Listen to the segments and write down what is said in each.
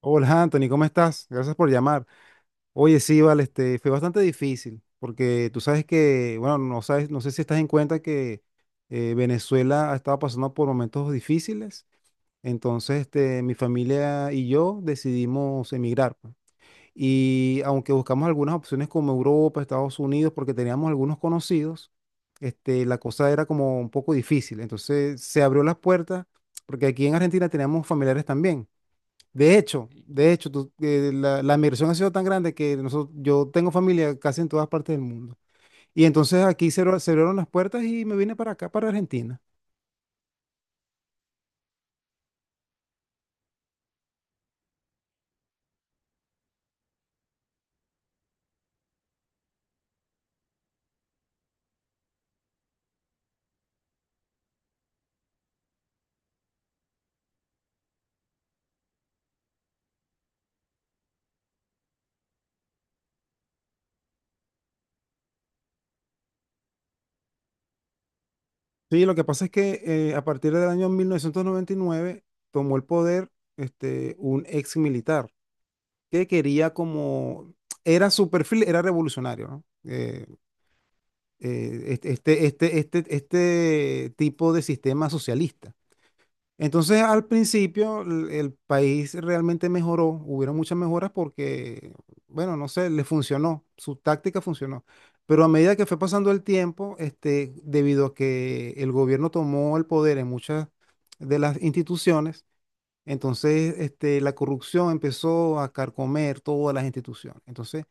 Hola Anthony, ¿cómo estás? Gracias por llamar. Oye, sí, vale, fue bastante difícil, porque tú sabes que, bueno, no sabes, no sé si estás en cuenta que Venezuela ha estado pasando por momentos difíciles. Entonces, mi familia y yo decidimos emigrar, pues. Y aunque buscamos algunas opciones como Europa, Estados Unidos, porque teníamos algunos conocidos, la cosa era como un poco difícil. Entonces, se abrió las puertas, porque aquí en Argentina teníamos familiares también. De hecho, la migración ha sido tan grande que nosotros, yo tengo familia casi en todas partes del mundo. Y entonces aquí se abrieron las puertas y me vine para acá, para Argentina. Sí, lo que pasa es que a partir del año 1999 tomó el poder un ex militar que quería como, era su perfil, era revolucionario, ¿no? Eh, este, este tipo de sistema socialista. Entonces, al principio, el país realmente mejoró, hubieron muchas mejoras porque, bueno, no sé, le funcionó, su táctica funcionó. Pero a medida que fue pasando el tiempo, debido a que el gobierno tomó el poder en muchas de las instituciones, entonces, la corrupción empezó a carcomer todas las instituciones. Entonces,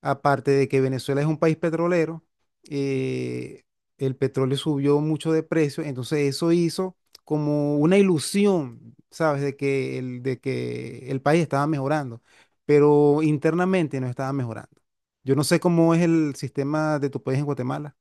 aparte de que Venezuela es un país petrolero, eh, el petróleo subió mucho de precio, entonces eso hizo como una ilusión, ¿sabes? De que el país estaba mejorando, pero internamente no estaba mejorando. Yo no sé cómo es el sistema de tu país en Guatemala.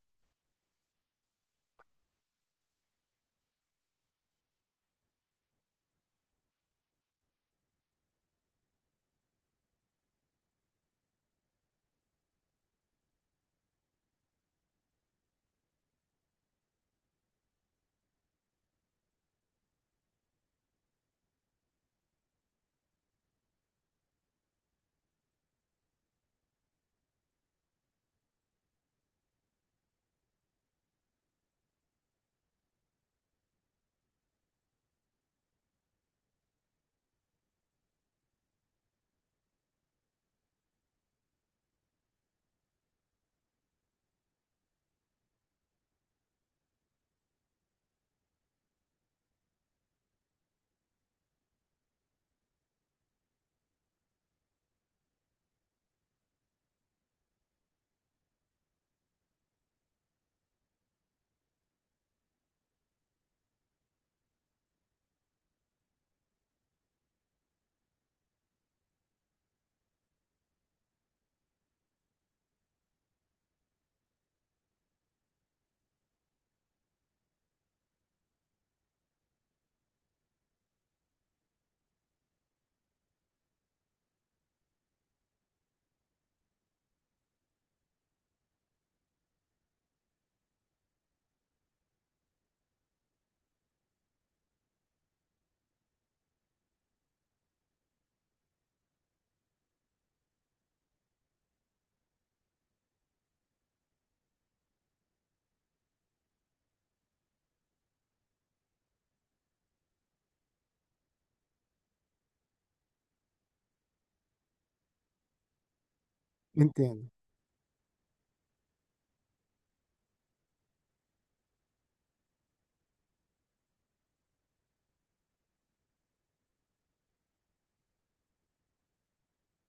Entiendo.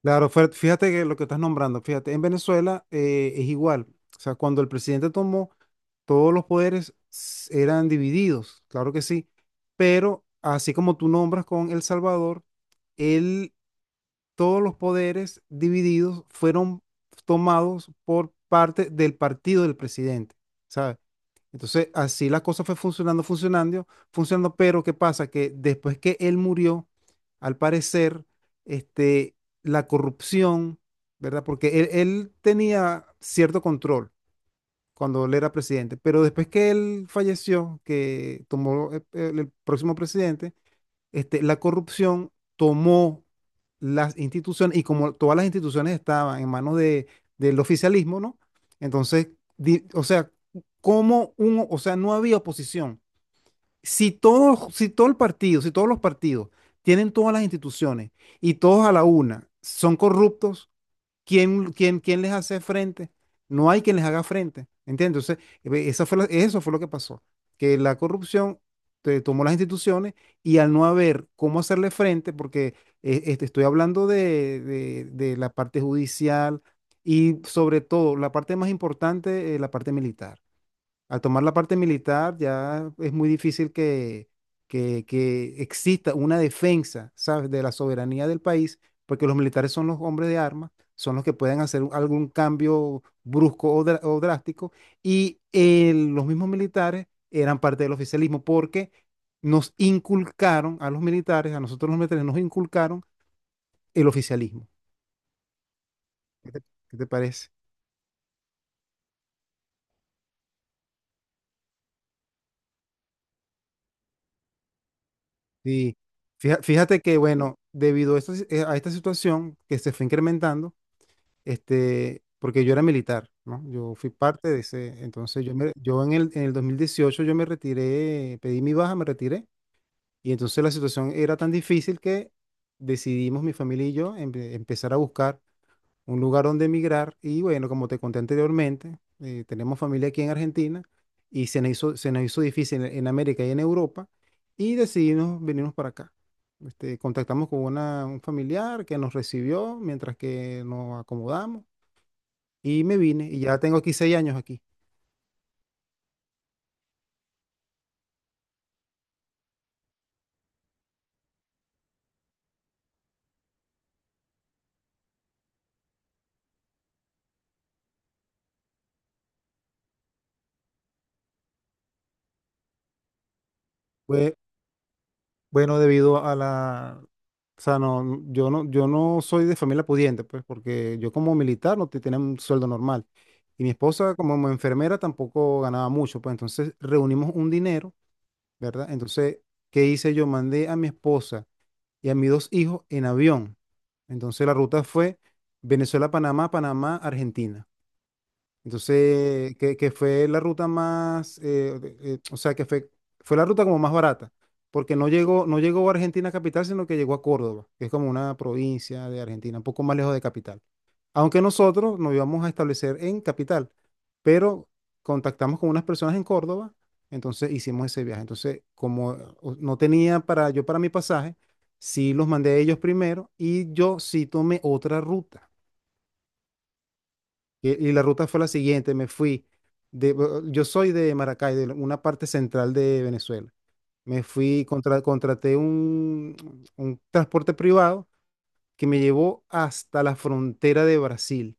Claro, fíjate que lo que estás nombrando, fíjate, en Venezuela es igual. O sea, cuando el presidente tomó, todos los poderes eran divididos, claro que sí, pero así como tú nombras con El Salvador, él, todos los poderes divididos fueron tomados por parte del partido del presidente, ¿sabes? Entonces, así la cosa fue funcionando, funcionando, funcionando, pero ¿qué pasa? Que después que él murió, al parecer, este, la corrupción, ¿verdad? Porque él tenía cierto control cuando él era presidente. Pero después que él falleció, que tomó el próximo presidente, la corrupción tomó las instituciones y como todas las instituciones estaban en manos del oficialismo, ¿no? Entonces, o sea, como uno, o sea, no había oposición. Si todo, si todo el partido, si todos los partidos tienen todas las instituciones y todos a la una son corruptos, ¿Quién les hace frente? No hay quien les haga frente, ¿entiendes? Entonces, eso fue lo que pasó, que la corrupción te tomó las instituciones y al no haber cómo hacerle frente, porque estoy hablando de, la parte judicial y sobre todo la parte más importante, la parte militar. Al tomar la parte militar ya es muy difícil que, que exista una defensa, ¿sabes?, de la soberanía del país, porque los militares son los hombres de armas, son los que pueden hacer algún cambio brusco o drástico, y los mismos militares eran parte del oficialismo porque nos inculcaron a los militares, a nosotros los militares nos inculcaron el oficialismo. ¿Qué te, qué te parece? Sí. Fíjate que, bueno, debido a esta a esta situación que se fue incrementando, porque yo era militar, ¿no? Yo fui parte de ese, entonces yo, yo en el 2018 yo me retiré, pedí mi baja, me retiré, y entonces la situación era tan difícil que decidimos mi familia y yo empezar a buscar un lugar donde emigrar, y bueno, como te conté anteriormente, tenemos familia aquí en Argentina, y se nos hizo difícil en, América y en Europa, y decidimos venirnos para acá. Contactamos con una, un familiar que nos recibió mientras que nos acomodamos y me vine y ya tengo aquí 6 años aquí. Fue, bueno, debido a la. O sea, no, yo no soy de familia pudiente, pues, porque yo como militar no tenía un sueldo normal. Y mi esposa como enfermera tampoco ganaba mucho, pues entonces reunimos un dinero, ¿verdad? Entonces, ¿qué hice yo? Mandé a mi esposa y a mis dos hijos en avión. Entonces la ruta fue Venezuela-Panamá, Panamá-Argentina. Entonces, que fue la ruta más, o sea, fue la ruta como más barata, porque no llegó a Argentina capital, sino que llegó a Córdoba, que es como una provincia de Argentina, un poco más lejos de capital. Aunque nosotros nos íbamos a establecer en capital, pero contactamos con unas personas en Córdoba, entonces hicimos ese viaje. Entonces, como no tenía para yo para mi pasaje, sí los mandé a ellos primero y yo sí tomé otra ruta. Y la ruta fue la siguiente, me fui de, yo soy de Maracay, de una parte central de Venezuela. Me fui, contraté un, transporte privado que me llevó hasta la frontera de Brasil.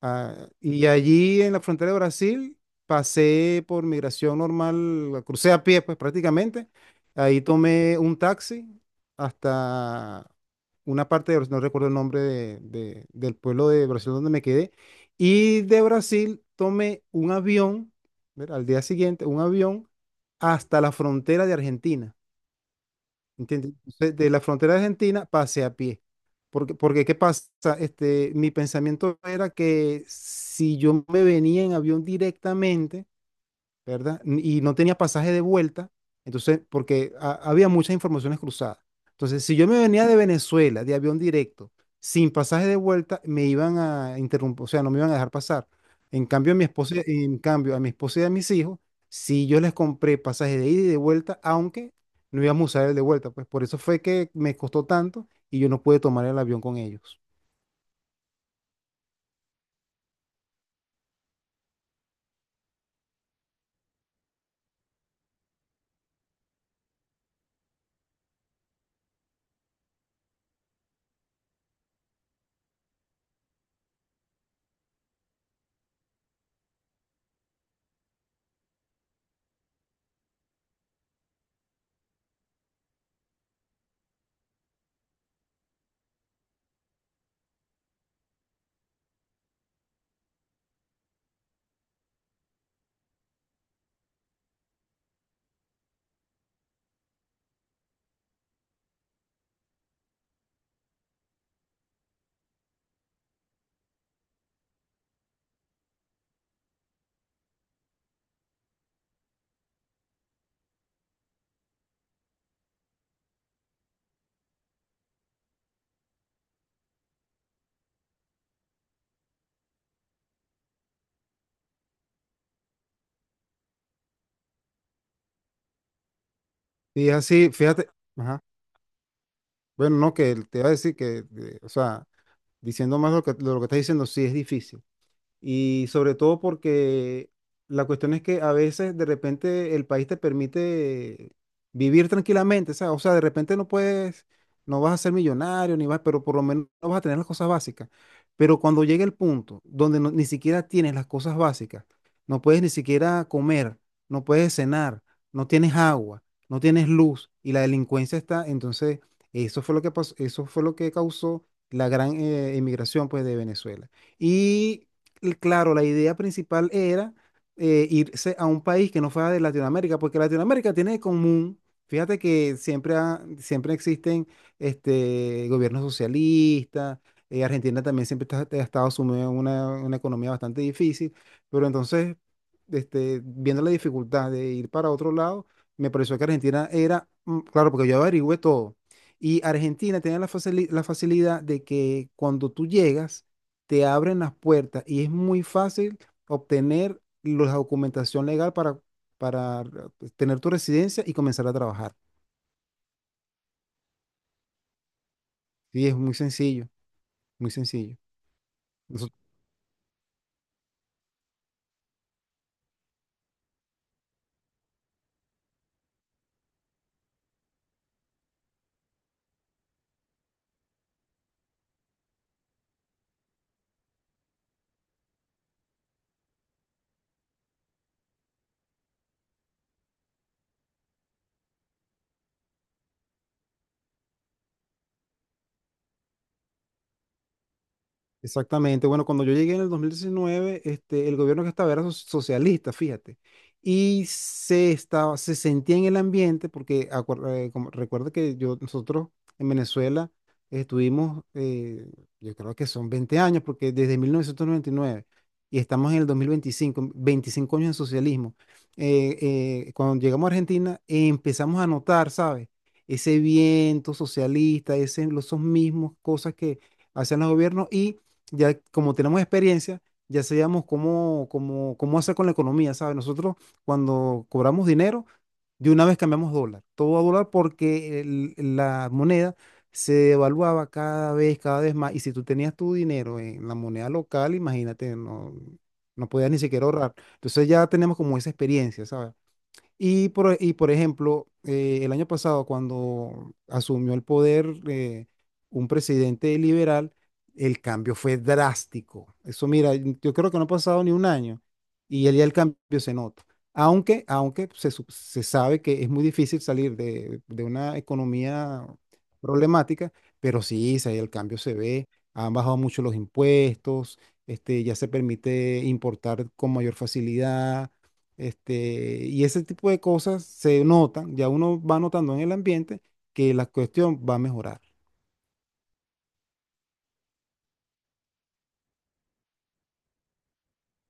Ah, y allí en la frontera de Brasil pasé por migración normal, crucé a pie, pues prácticamente. Ahí tomé un taxi hasta una parte de Brasil, no recuerdo el nombre del pueblo de Brasil donde me quedé. Y de Brasil tomé un avión, ¿verdad? Al día siguiente, un avión hasta la frontera de Argentina. ¿Entiendes? Entonces, de la frontera de Argentina pasé a pie. Porque ¿qué pasa? Mi pensamiento era que si yo me venía en avión directamente, ¿verdad? Y no tenía pasaje de vuelta, entonces, porque había muchas informaciones cruzadas. Entonces, si yo me venía de Venezuela, de avión directo, sin pasaje de vuelta, me iban a interrumpir, o sea, no me iban a dejar pasar. En cambio, a mi esposa y a mis hijos, si yo les compré pasaje de ida y de vuelta, aunque no íbamos a usar el de vuelta, pues por eso fue que me costó tanto y yo no pude tomar el avión con ellos. Y así, fíjate, ajá. Bueno, no, que te iba a decir que, o sea, diciendo más lo que, estás diciendo, sí es difícil. Y sobre todo porque la cuestión es que a veces de repente el país te permite vivir tranquilamente, ¿sabes? O sea, de repente no puedes, no vas a ser millonario, ni vas, pero por lo menos no vas a tener las cosas básicas. Pero cuando llega el punto donde ni siquiera tienes las cosas básicas, no puedes ni siquiera comer, no puedes cenar, no tienes agua, no tienes luz y la delincuencia está, entonces eso fue lo que pasó, eso fue lo que causó la gran emigración pues de Venezuela. Y claro, la idea principal era irse a un país que no fuera de Latinoamérica, porque Latinoamérica tiene de común, fíjate que siempre, siempre existen gobiernos socialistas, Argentina también siempre ha estado sumida en una, economía bastante difícil, pero entonces, viendo la dificultad de ir para otro lado, me pareció que Argentina era, claro, porque yo averigüé todo, y Argentina tenía la la facilidad de que cuando tú llegas, te abren las puertas y es muy fácil obtener la documentación legal para, para tener tu residencia y comenzar a trabajar. Sí, es muy sencillo, muy sencillo. Nosotros Exactamente. Bueno, cuando yo llegué en el 2019, el gobierno que estaba era socialista, fíjate. Y se sentía en el ambiente, porque recuerda que yo, nosotros en Venezuela estuvimos, yo creo que son 20 años, porque desde 1999 y nueve y estamos en el 2025, 25 años en socialismo. Eh, cuando llegamos a Argentina, empezamos a notar, ¿sabes? Ese viento socialista, ese, esos mismos cosas que hacían los gobiernos ya como tenemos experiencia, ya sabíamos cómo, hacer con la economía, ¿sabes? Nosotros cuando cobramos dinero, de una vez cambiamos dólar, todo a dólar porque la moneda se devaluaba cada vez más. Y si tú tenías tu dinero en la moneda local, imagínate, no, no podías ni siquiera ahorrar. Entonces ya tenemos como esa experiencia, ¿sabes? Y por ejemplo, el año pasado, cuando asumió el poder un presidente liberal, el cambio fue drástico. Eso, mira, yo creo que no ha pasado ni un año ya el cambio se nota. Aunque se sabe que es muy difícil salir de una economía problemática, pero sí, sí, el cambio se ve. Han bajado mucho los impuestos, ya se permite importar con mayor facilidad y ese tipo de cosas se notan, ya uno va notando en el ambiente que la cuestión va a mejorar.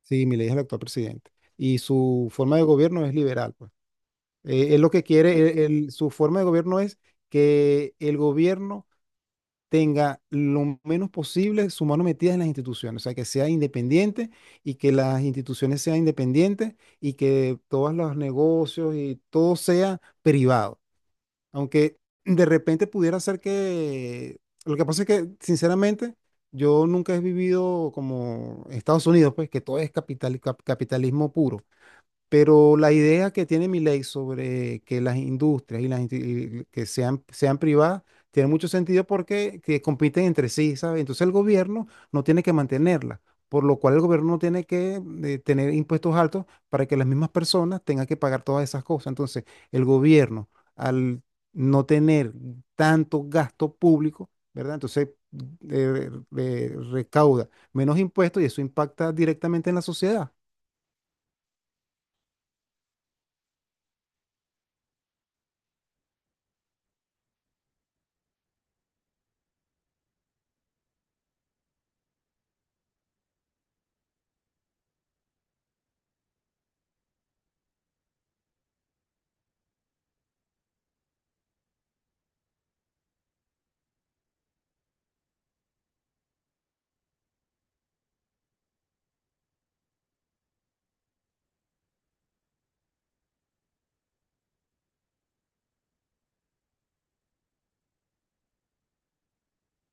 Sí, Milei es el actual presidente y su forma de gobierno es liberal, pues. Él lo que quiere, su forma de gobierno es que el gobierno tenga lo menos posible su mano metida en las instituciones, o sea, que sea independiente y que las instituciones sean independientes y que todos los negocios y todo sea privado. Aunque de repente pudiera ser que. Lo que pasa es que, sinceramente, yo nunca he vivido como en Estados Unidos, pues, que todo es capital, capitalismo puro. Pero la idea que tiene mi ley sobre que las industrias y las y que sean privadas tiene mucho sentido porque que compiten entre sí, ¿sabes? Entonces el gobierno no tiene que mantenerlas, por lo cual el gobierno no tiene que tener impuestos altos para que las mismas personas tengan que pagar todas esas cosas. Entonces el gobierno, al no tener tanto gasto público, ¿verdad? Entonces recauda menos impuestos y eso impacta directamente en la sociedad.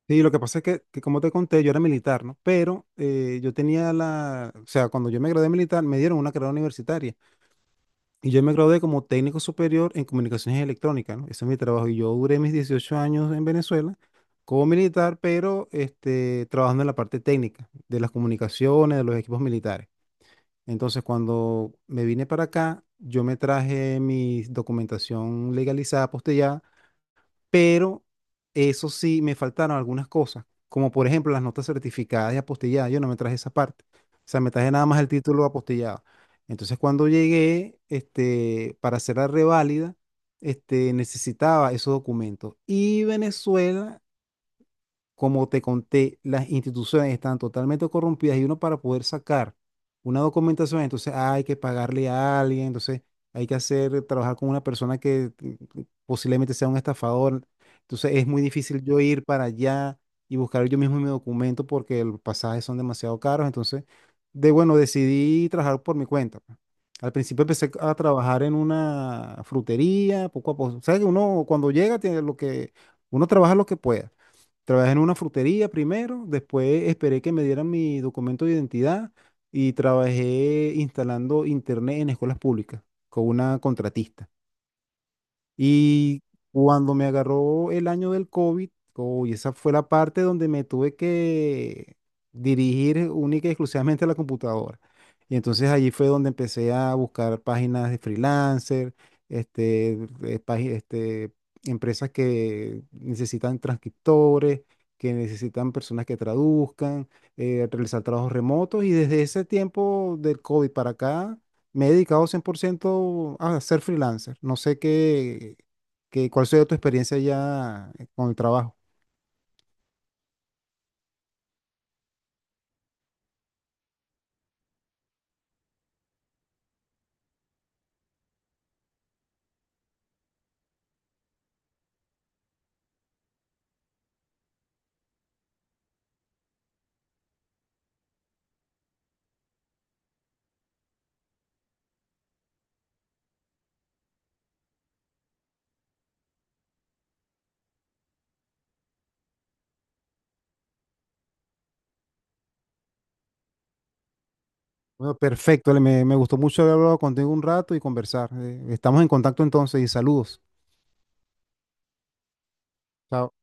Sí, lo que pasa es que, como te conté, yo era militar, ¿no? Pero yo tenía la, o sea, cuando yo me gradué de militar, me dieron una carrera universitaria y yo me gradué como técnico superior en comunicaciones electrónicas, ¿no? Ese es mi trabajo y yo duré mis 18 años en Venezuela como militar, pero trabajando en la parte técnica de las comunicaciones, de los equipos militares. Entonces, cuando me vine para acá, yo me traje mi documentación legalizada, postillada, pero eso sí, me faltaron algunas cosas, como por ejemplo las notas certificadas y apostilladas, yo no me traje esa parte, o sea, me traje nada más el título apostillado. Entonces cuando llegué, para hacer la reválida, necesitaba esos documentos. Y Venezuela, como te conté, las instituciones están totalmente corrompidas y uno para poder sacar una documentación, entonces hay que pagarle a alguien, entonces hay que hacer, trabajar con una persona que posiblemente sea un estafador. Entonces es muy difícil yo ir para allá y buscar yo mismo mi documento porque los pasajes son demasiado caros. Entonces, de bueno, decidí trabajar por mi cuenta, pues. Al principio empecé a trabajar en una frutería, poco a poco. O sea que uno cuando llega tiene lo que, uno trabaja lo que pueda. Trabajé en una frutería primero, después esperé que me dieran mi documento de identidad y trabajé instalando internet en escuelas públicas con una contratista. Y cuando me agarró el año del COVID, uy, esa fue la parte donde me tuve que dirigir única y exclusivamente a la computadora. Y entonces allí fue donde empecé a buscar páginas de freelancer, este, eh, pági- este, empresas que necesitan transcriptores, que necesitan personas que traduzcan, realizar trabajos remotos. Y desde ese tiempo del COVID para acá me he dedicado 100% a ser freelancer. No sé qué, cuál sea tu experiencia ya con el trabajo. Bueno, perfecto. Ale, me gustó mucho haber hablado contigo un rato y conversar. Estamos en contacto entonces y saludos. Chao.